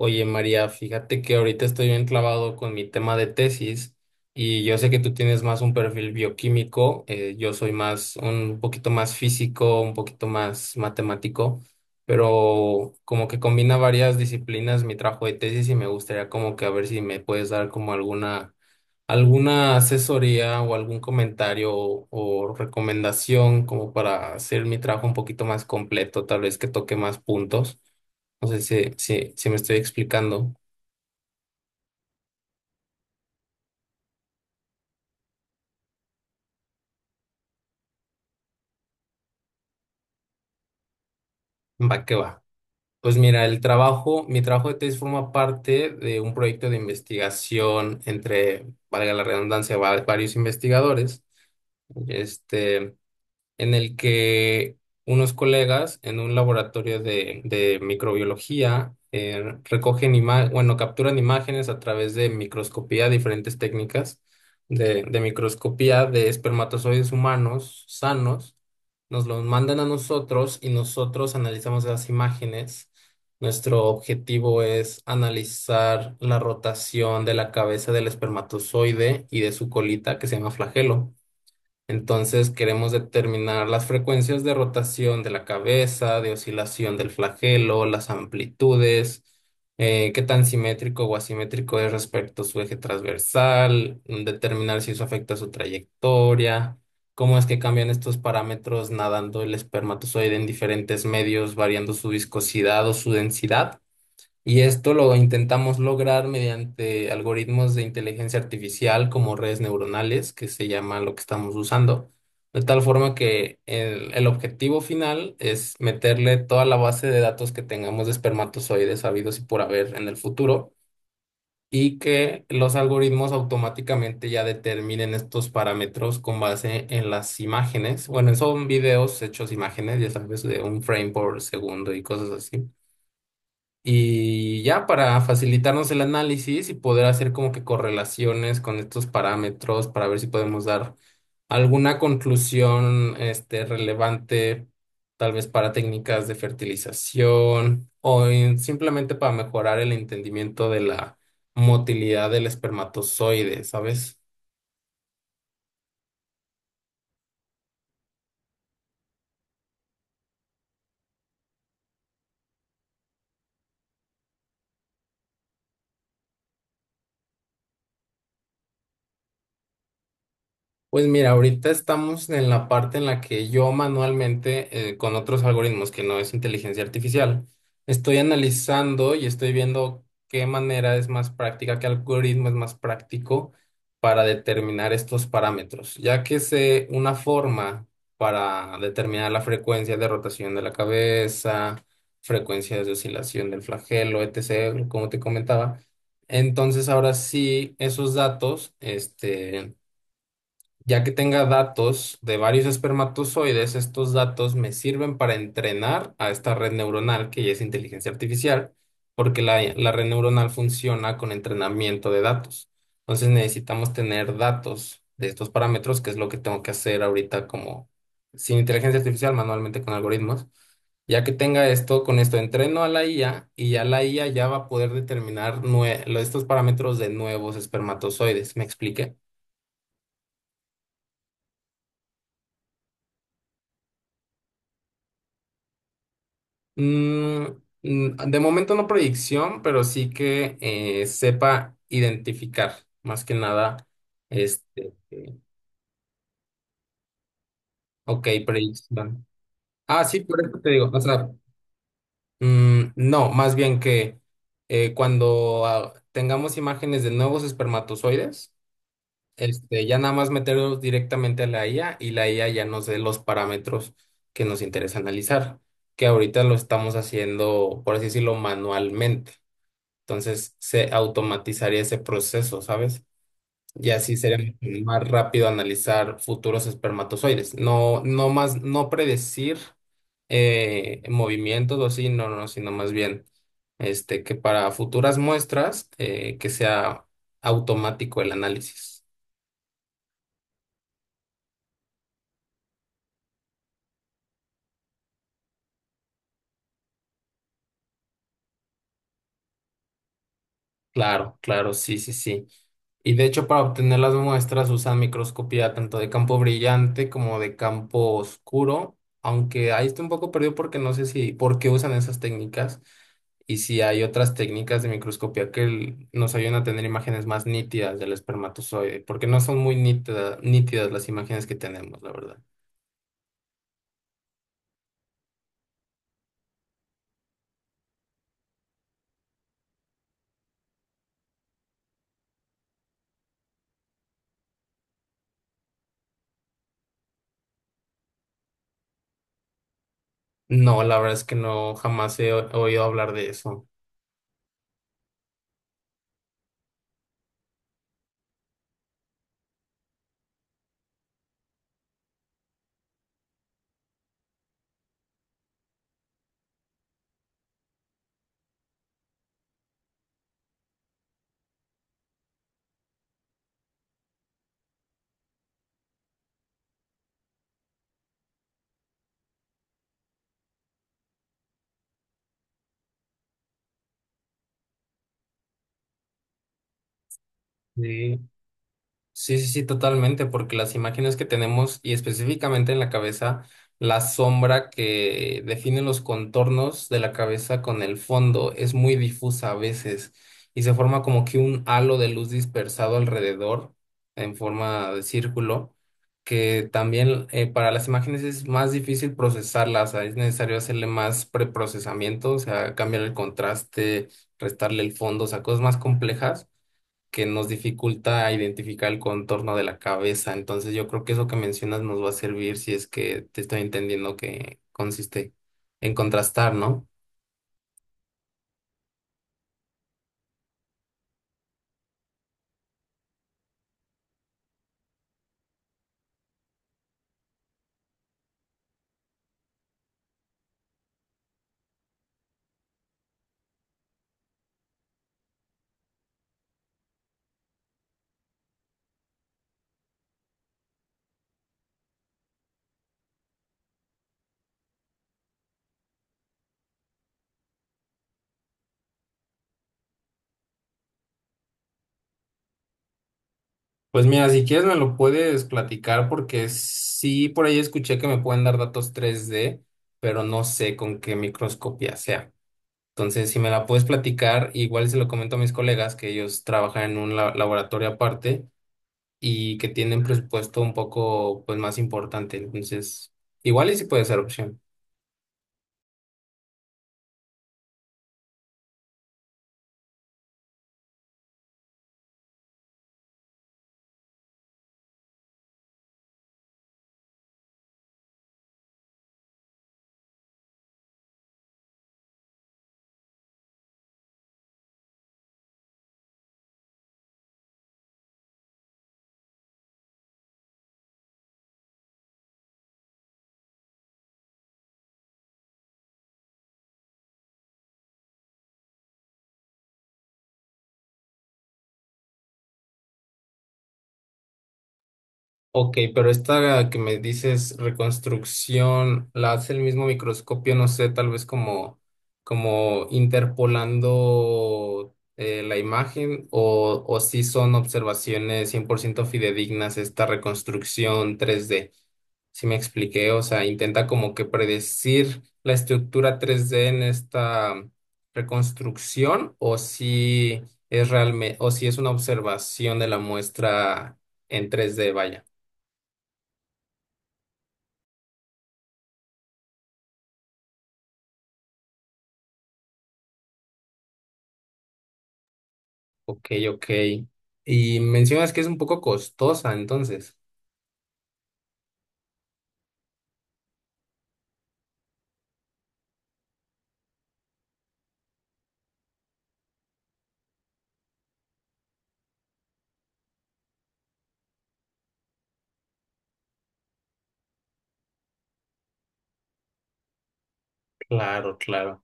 Oye, María, fíjate que ahorita estoy bien clavado con mi tema de tesis y yo sé que tú tienes más un perfil bioquímico, yo soy más un poquito más físico, un poquito más matemático, pero como que combina varias disciplinas mi trabajo de tesis y me gustaría como que a ver si me puedes dar como alguna asesoría o algún comentario o recomendación como para hacer mi trabajo un poquito más completo, tal vez que toque más puntos. No sé si me estoy explicando. Va que va. Pues mira, el trabajo, mi trabajo de tesis forma parte de un proyecto de investigación entre, valga la redundancia, varios investigadores. Este, en el que unos colegas en un laboratorio de microbiología recogen imágenes, bueno, capturan imágenes a través de microscopía, diferentes técnicas de microscopía de espermatozoides humanos sanos, nos los mandan a nosotros y nosotros analizamos las imágenes. Nuestro objetivo es analizar la rotación de la cabeza del espermatozoide y de su colita, que se llama flagelo. Entonces queremos determinar las frecuencias de rotación de la cabeza, de oscilación del flagelo, las amplitudes, qué tan simétrico o asimétrico es respecto a su eje transversal, determinar si eso afecta a su trayectoria, cómo es que cambian estos parámetros nadando el espermatozoide en diferentes medios, variando su viscosidad o su densidad. Y esto lo intentamos lograr mediante algoritmos de inteligencia artificial como redes neuronales, que se llama lo que estamos usando. De tal forma que el objetivo final es meterle toda la base de datos que tengamos de espermatozoides habidos y por haber en el futuro y que los algoritmos automáticamente ya determinen estos parámetros con base en las imágenes. Bueno, son videos hechos imágenes, ya sabes, de un frame por segundo y cosas así. Y ya para facilitarnos el análisis y poder hacer como que correlaciones con estos parámetros para ver si podemos dar alguna conclusión este, relevante, tal vez para técnicas de fertilización o simplemente para mejorar el entendimiento de la motilidad del espermatozoide, ¿sabes? Pues mira, ahorita estamos en la parte en la que yo manualmente, con otros algoritmos que no es inteligencia artificial, estoy analizando y estoy viendo qué manera es más práctica, qué algoritmo es más práctico para determinar estos parámetros, ya que sé una forma para determinar la frecuencia de rotación de la cabeza, frecuencias de oscilación del flagelo, etc., como te comentaba. Entonces, ahora sí, esos datos, este ya que tenga datos de varios espermatozoides, estos datos me sirven para entrenar a esta red neuronal, que ya es inteligencia artificial, porque la red neuronal funciona con entrenamiento de datos. Entonces necesitamos tener datos de estos parámetros, que es lo que tengo que hacer ahorita como sin inteligencia artificial, manualmente con algoritmos. Ya que tenga esto, con esto entreno a la IA y ya la IA ya va a poder determinar estos parámetros de nuevos espermatozoides. ¿Me expliqué? Mm, de momento no predicción, pero sí que sepa identificar, más que nada, este, ok, predicción. Ah, sí, por eso te digo, o sea, no, más bien que cuando tengamos imágenes de nuevos espermatozoides, este, ya nada más meterlos directamente a la IA y la IA ya nos dé los parámetros que nos interesa analizar, que ahorita lo estamos haciendo, por así decirlo, manualmente. Entonces se automatizaría ese proceso, ¿sabes? Y así sería mucho más rápido analizar futuros espermatozoides. No, no más, no predecir movimientos o así, no, no, sino más bien este, que para futuras muestras que sea automático el análisis. Claro, claro, sí, sí, sí. Y de hecho, para obtener las muestras usan microscopía tanto de campo brillante como de campo oscuro, aunque ahí estoy un poco perdido porque no sé si por qué usan esas técnicas y si hay otras técnicas de microscopía que nos ayudan a tener imágenes más nítidas del espermatozoide, porque no son muy nítidas las imágenes que tenemos, la verdad. No, la verdad es que no, jamás he oído hablar de eso. Sí. Sí, sí, sí, totalmente, porque las imágenes que tenemos y específicamente en la cabeza, la sombra que define los contornos de la cabeza con el fondo es muy difusa a veces y se forma como que un halo de luz dispersado alrededor en forma de círculo, que también para las imágenes es más difícil procesarlas, o sea, es necesario hacerle más preprocesamiento, o sea, cambiar el contraste, restarle el fondo, o sea, cosas más complejas que nos dificulta identificar el contorno de la cabeza. Entonces yo creo que eso que mencionas nos va a servir si es que te estoy entendiendo que consiste en contrastar, ¿no? Pues mira, si quieres me lo puedes platicar porque sí, por ahí escuché que me pueden dar datos 3D pero no sé con qué microscopía sea. Entonces, si me la puedes platicar, igual se lo comento a mis colegas que ellos trabajan en un laboratorio aparte y que tienen presupuesto un poco pues más importante. Entonces, igual y sí puede ser opción. Ok, pero esta que me dices reconstrucción, ¿la hace el mismo microscopio, no sé, tal vez como, como interpolando la imagen o si son observaciones 100% fidedignas esta reconstrucción 3D? Si me expliqué, o sea, intenta como que predecir la estructura 3D en esta reconstrucción o si es realmente, o si es una observación de la muestra en 3D, vaya. Ok, ok. Y mencionas que es un poco costosa, entonces. Claro, claro.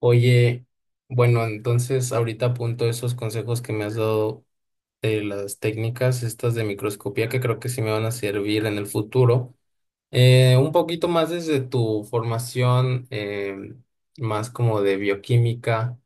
Oye, bueno, entonces ahorita apunto esos consejos que me has dado de las técnicas estas de microscopía que creo que sí me van a servir en el futuro. Un poquito más desde tu formación, más como de bioquímica.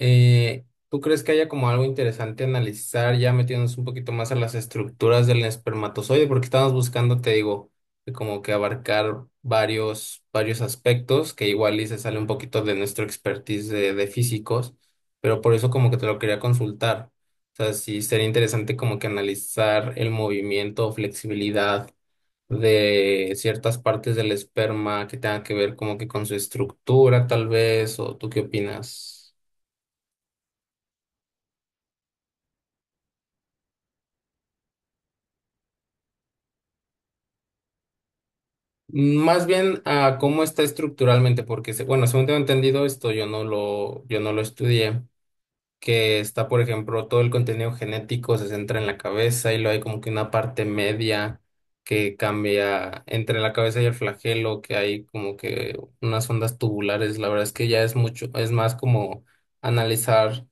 ¿Tú crees que haya como algo interesante analizar ya metiéndonos un poquito más a las estructuras del espermatozoide? Porque estamos buscando, te digo, que como que abarcar varios, varios aspectos que igual y se sale un poquito de nuestro expertise de físicos, pero por eso como que te lo quería consultar. O sea, sí sería interesante como que analizar el movimiento o flexibilidad de ciertas partes del esperma que tengan que ver como que con su estructura tal vez, o ¿tú qué opinas? Más bien a cómo está estructuralmente, porque bueno, según tengo entendido esto, yo no lo estudié, que está, por ejemplo, todo el contenido genético se centra en la cabeza y luego hay como que una parte media que cambia entre la cabeza y el flagelo, que hay como que unas ondas tubulares. La verdad es que ya es mucho, es más como analizar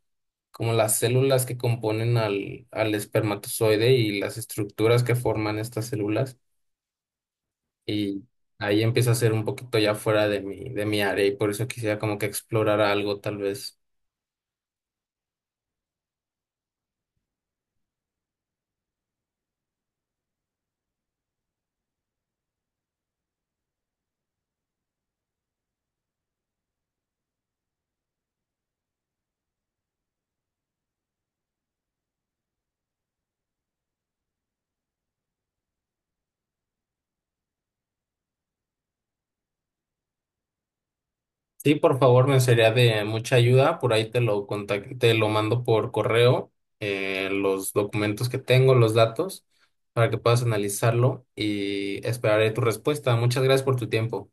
como las células que componen al espermatozoide y las estructuras que forman estas células y ahí empieza a ser un poquito ya fuera de mi área y por eso quisiera como que explorar algo tal vez. Sí, por favor, me sería de mucha ayuda. Por ahí te lo mando por correo, los documentos que tengo, los datos, para que puedas analizarlo y esperaré tu respuesta. Muchas gracias por tu tiempo.